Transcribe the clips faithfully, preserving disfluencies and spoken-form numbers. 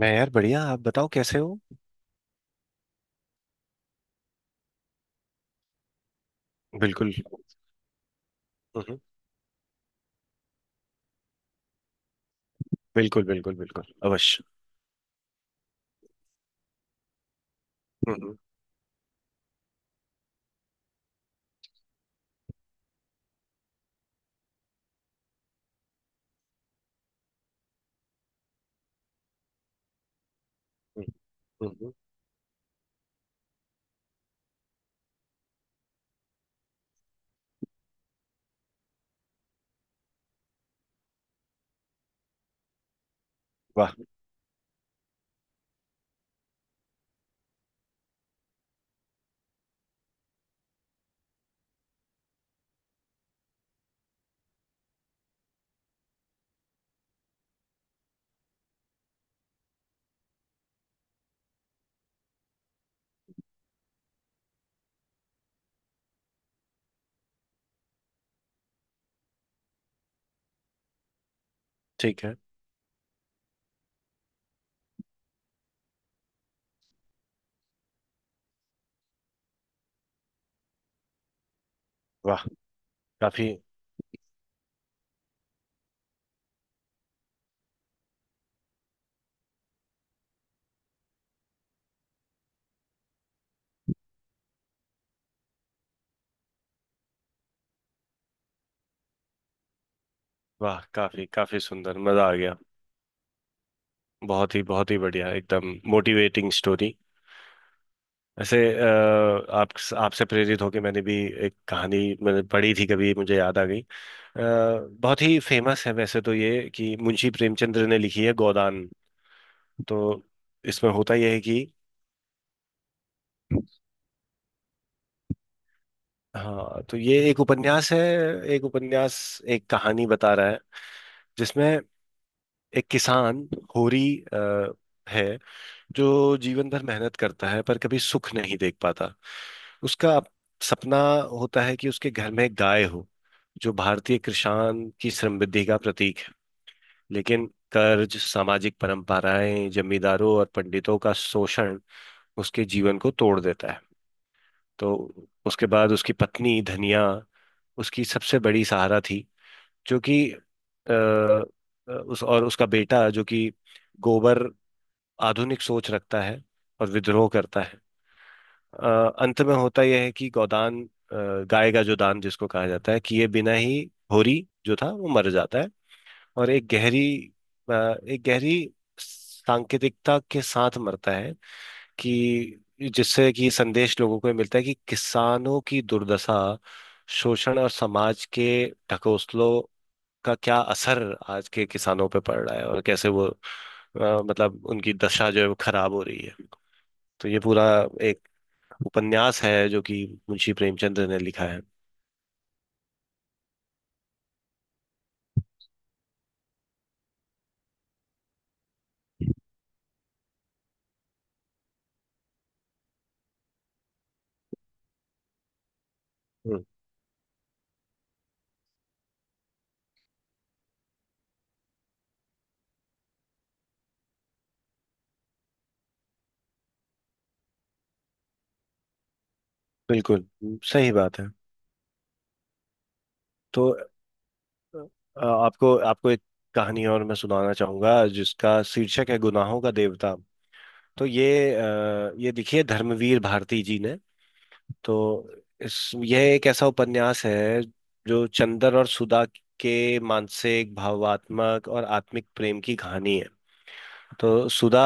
मैं यार बढ़िया। आप बताओ कैसे हो। बिल्कुल। हम्म। बिल्कुल बिल्कुल बिल्कुल अवश्य। हम्म। हम्म। हम्म। वाह। ठीक है। वाह। काफी। वाह, काफी काफी सुंदर, मजा आ गया। बहुत ही बहुत ही बढ़िया, एकदम मोटिवेटिंग स्टोरी। ऐसे अ, आप आपसे प्रेरित होकर मैंने भी एक कहानी मैंने पढ़ी थी कभी, मुझे याद आ गई। अ, बहुत ही फेमस है वैसे तो ये, कि मुंशी प्रेमचंद्र ने लिखी है, गोदान। तो इसमें होता यह है कि, हाँ तो ये एक उपन्यास है। एक उपन्यास, एक कहानी बता रहा है, जिसमें एक किसान, होरी अ, है, जो जीवन भर मेहनत करता है पर कभी सुख नहीं देख पाता। उसका अप- सपना होता है कि उसके घर में एक गाय हो, जो भारतीय किसान की समृद्धि का प्रतीक है। लेकिन कर्ज, सामाजिक परंपराएं, जमींदारों और पंडितों का शोषण उसके जीवन को तोड़ देता है। तो उसके बाद, उसकी पत्नी धनिया उसकी सबसे बड़ी सहारा थी, जो कि अ, अ, उस, और उसका बेटा जो कि गोबर, आधुनिक सोच रखता है और विद्रोह करता है। अ, अंत में होता यह है कि गोदान, अ, गाय का जो दान जिसको कहा जाता है, कि ये बिना ही होरी जो था वो मर जाता है, और एक गहरी अ, एक गहरी सांकेतिकता के साथ मरता है। कि जिससे कि संदेश लोगों को ये मिलता है कि किसानों की दुर्दशा, शोषण और समाज के ढकोसलों का क्या असर आज के किसानों पे पड़ रहा है, और कैसे वो अ, मतलब उनकी दशा जो है वो खराब हो रही है। तो ये पूरा एक उपन्यास है जो कि मुंशी प्रेमचंद ने लिखा है। हम्म। बिल्कुल। हम्म, सही बात है। तो अ, आपको आपको एक कहानी और मैं सुनाना चाहूंगा, जिसका शीर्षक है गुनाहों का देवता। तो ये अ, ये देखिए, धर्मवीर भारती जी ने। तो इस यह एक ऐसा उपन्यास है जो चंदर और सुधा के मानसिक, भावात्मक और आत्मिक प्रेम की कहानी है। तो सुधा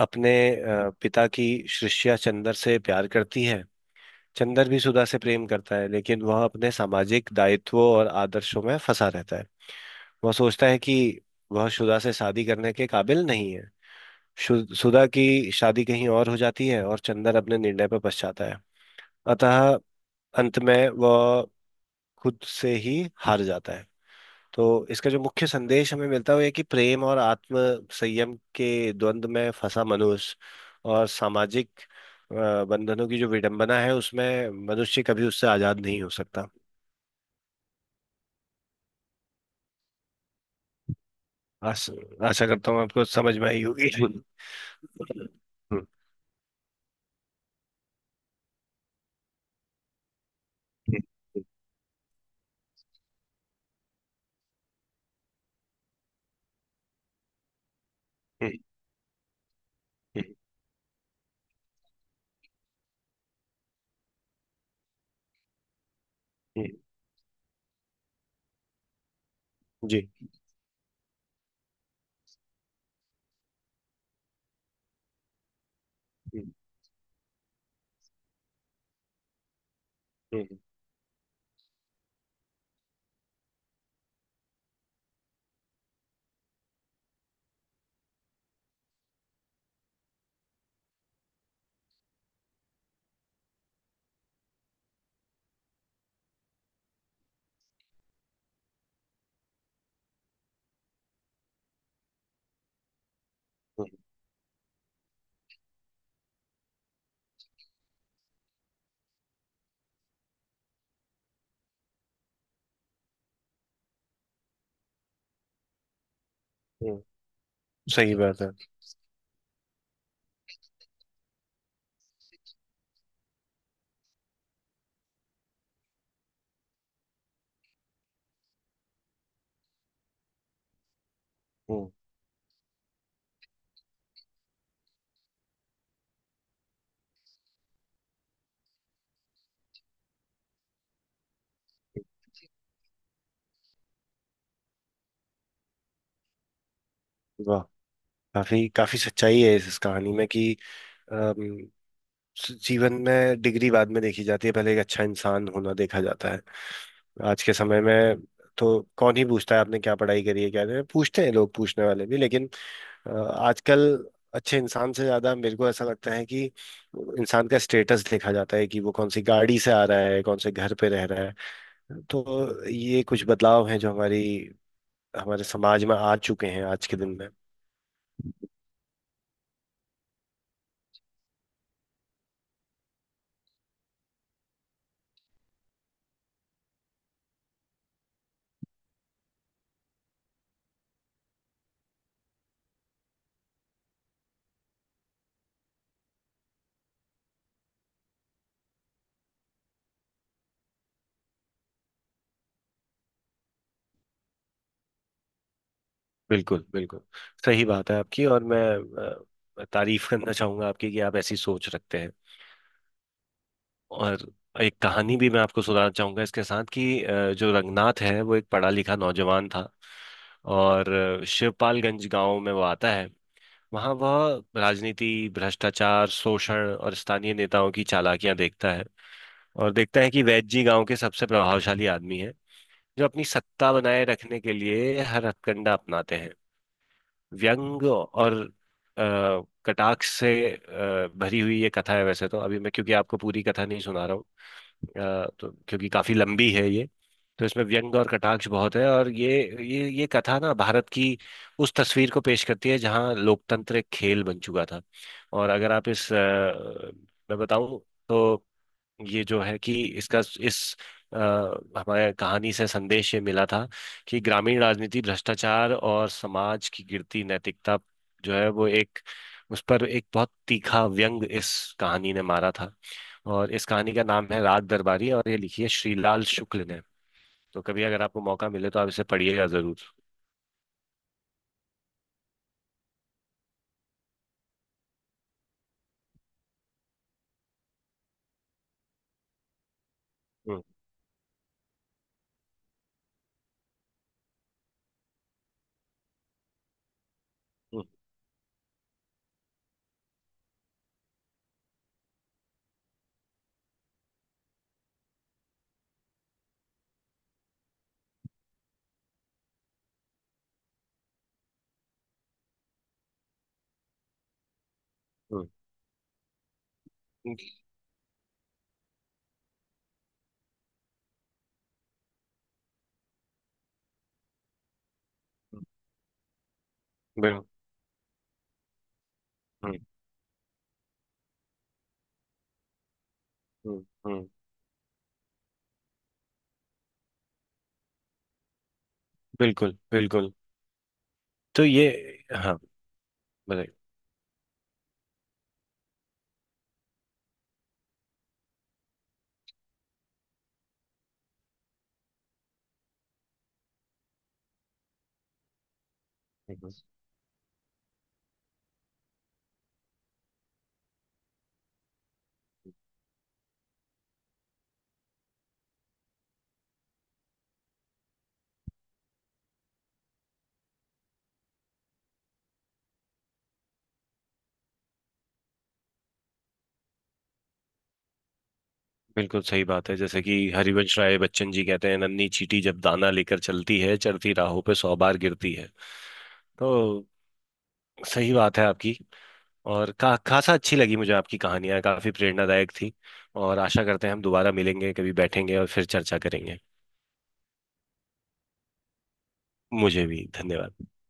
अपने अ, पिता की शिष्या चंदर से प्यार करती है। चंदर भी सुधा से प्रेम करता है, लेकिन वह अपने सामाजिक दायित्वों और आदर्शों में फंसा रहता है। वह सोचता है कि वह सुधा से शादी करने के काबिल नहीं है। शु- सुधा की शादी कहीं और हो जाती है और चंदर अपने निर्णय पर पछताता है। अतः अंत में वह खुद से ही हार जाता है। तो इसका जो मुख्य संदेश हमें मिलता है वो ये, कि प्रेम और आत्म संयम के द्वंद्व में फंसा मनुष्य और सामाजिक अ, बंधनों की जो विडंबना है, उसमें मनुष्य कभी उससे आजाद नहीं हो सकता। आस, आशा करता हूँ आपको समझ में आई होगी। हम्म। जी, सही बात है। हम्म। वाह, काफी काफी सच्चाई है इस, इस कहानी में, कि अम, जीवन में डिग्री बाद में देखी जाती है, पहले एक अच्छा इंसान होना देखा जाता है। आज के समय में तो कौन ही पूछता है आपने क्या पढ़ाई करी है क्या? नहीं पूछते हैं लोग, पूछने वाले भी, लेकिन अ, आजकल अच्छे इंसान से ज्यादा मेरे को ऐसा लगता है कि इंसान का स्टेटस देखा जाता है, कि वो कौन सी गाड़ी से आ रहा है, कौन से घर पे रह रहा है। तो ये कुछ बदलाव हैं जो हमारी हमारे समाज में आ चुके हैं, आज के दिन में। बिल्कुल बिल्कुल सही बात है आपकी, और मैं अ, तारीफ करना चाहूंगा आपकी, कि आप ऐसी सोच रखते हैं। और एक कहानी भी मैं आपको सुनाना चाहूंगा इसके साथ, कि अ, जो रंगनाथ है वो एक पढ़ा लिखा नौजवान था। और अ, शिवपालगंज गांव में वो आता है। वहाँ वह राजनीति, भ्रष्टाचार, शोषण और स्थानीय नेताओं की चालाकियां देखता है। और देखता है कि वैद्य जी गांव के सबसे प्रभावशाली आदमी हैं, जो अपनी सत्ता बनाए रखने के लिए हर हथकंडा अपनाते हैं। व्यंग और अ, कटाक्ष से अ, भरी हुई ये कथा है, वैसे तो अभी मैं, क्योंकि आपको पूरी कथा नहीं सुना रहा हूँ, अ, तो क्योंकि काफी लंबी है ये। तो इसमें व्यंग और कटाक्ष बहुत है, और ये ये ये कथा ना भारत की उस तस्वीर को पेश करती है जहाँ लोकतंत्र एक खेल बन चुका था। और अगर आप इस अ, मैं बताऊं तो, ये जो है कि इसका, इस आ, हमारे कहानी से संदेश ये मिला था, कि ग्रामीण राजनीति, भ्रष्टाचार और समाज की गिरती नैतिकता जो है, वो एक उस पर एक बहुत तीखा व्यंग इस कहानी ने मारा था। और इस कहानी का नाम है रात दरबारी, और ये लिखी है श्रीलाल शुक्ल ने। तो कभी अगर आपको मौका मिले तो आप इसे पढ़िएगा जरूर। हम्म। हम्म। हम्म। हम्म। बिल- हम्म। हम्म। हम्म। बिल्कुल बिल्कुल। तो ये हाँ, बताइए। बिल्कुल सही बात है। जैसे कि हरिवंश राय बच्चन जी कहते हैं, नन्ही चींटी जब दाना लेकर चलती है, चढ़ती राहों पे सौ बार गिरती है। तो सही बात है आपकी, और का, खासा अच्छी लगी मुझे आपकी कहानियां, काफी प्रेरणादायक थी। और आशा करते हैं हम दोबारा मिलेंगे, कभी बैठेंगे और फिर चर्चा करेंगे। मुझे भी धन्यवाद।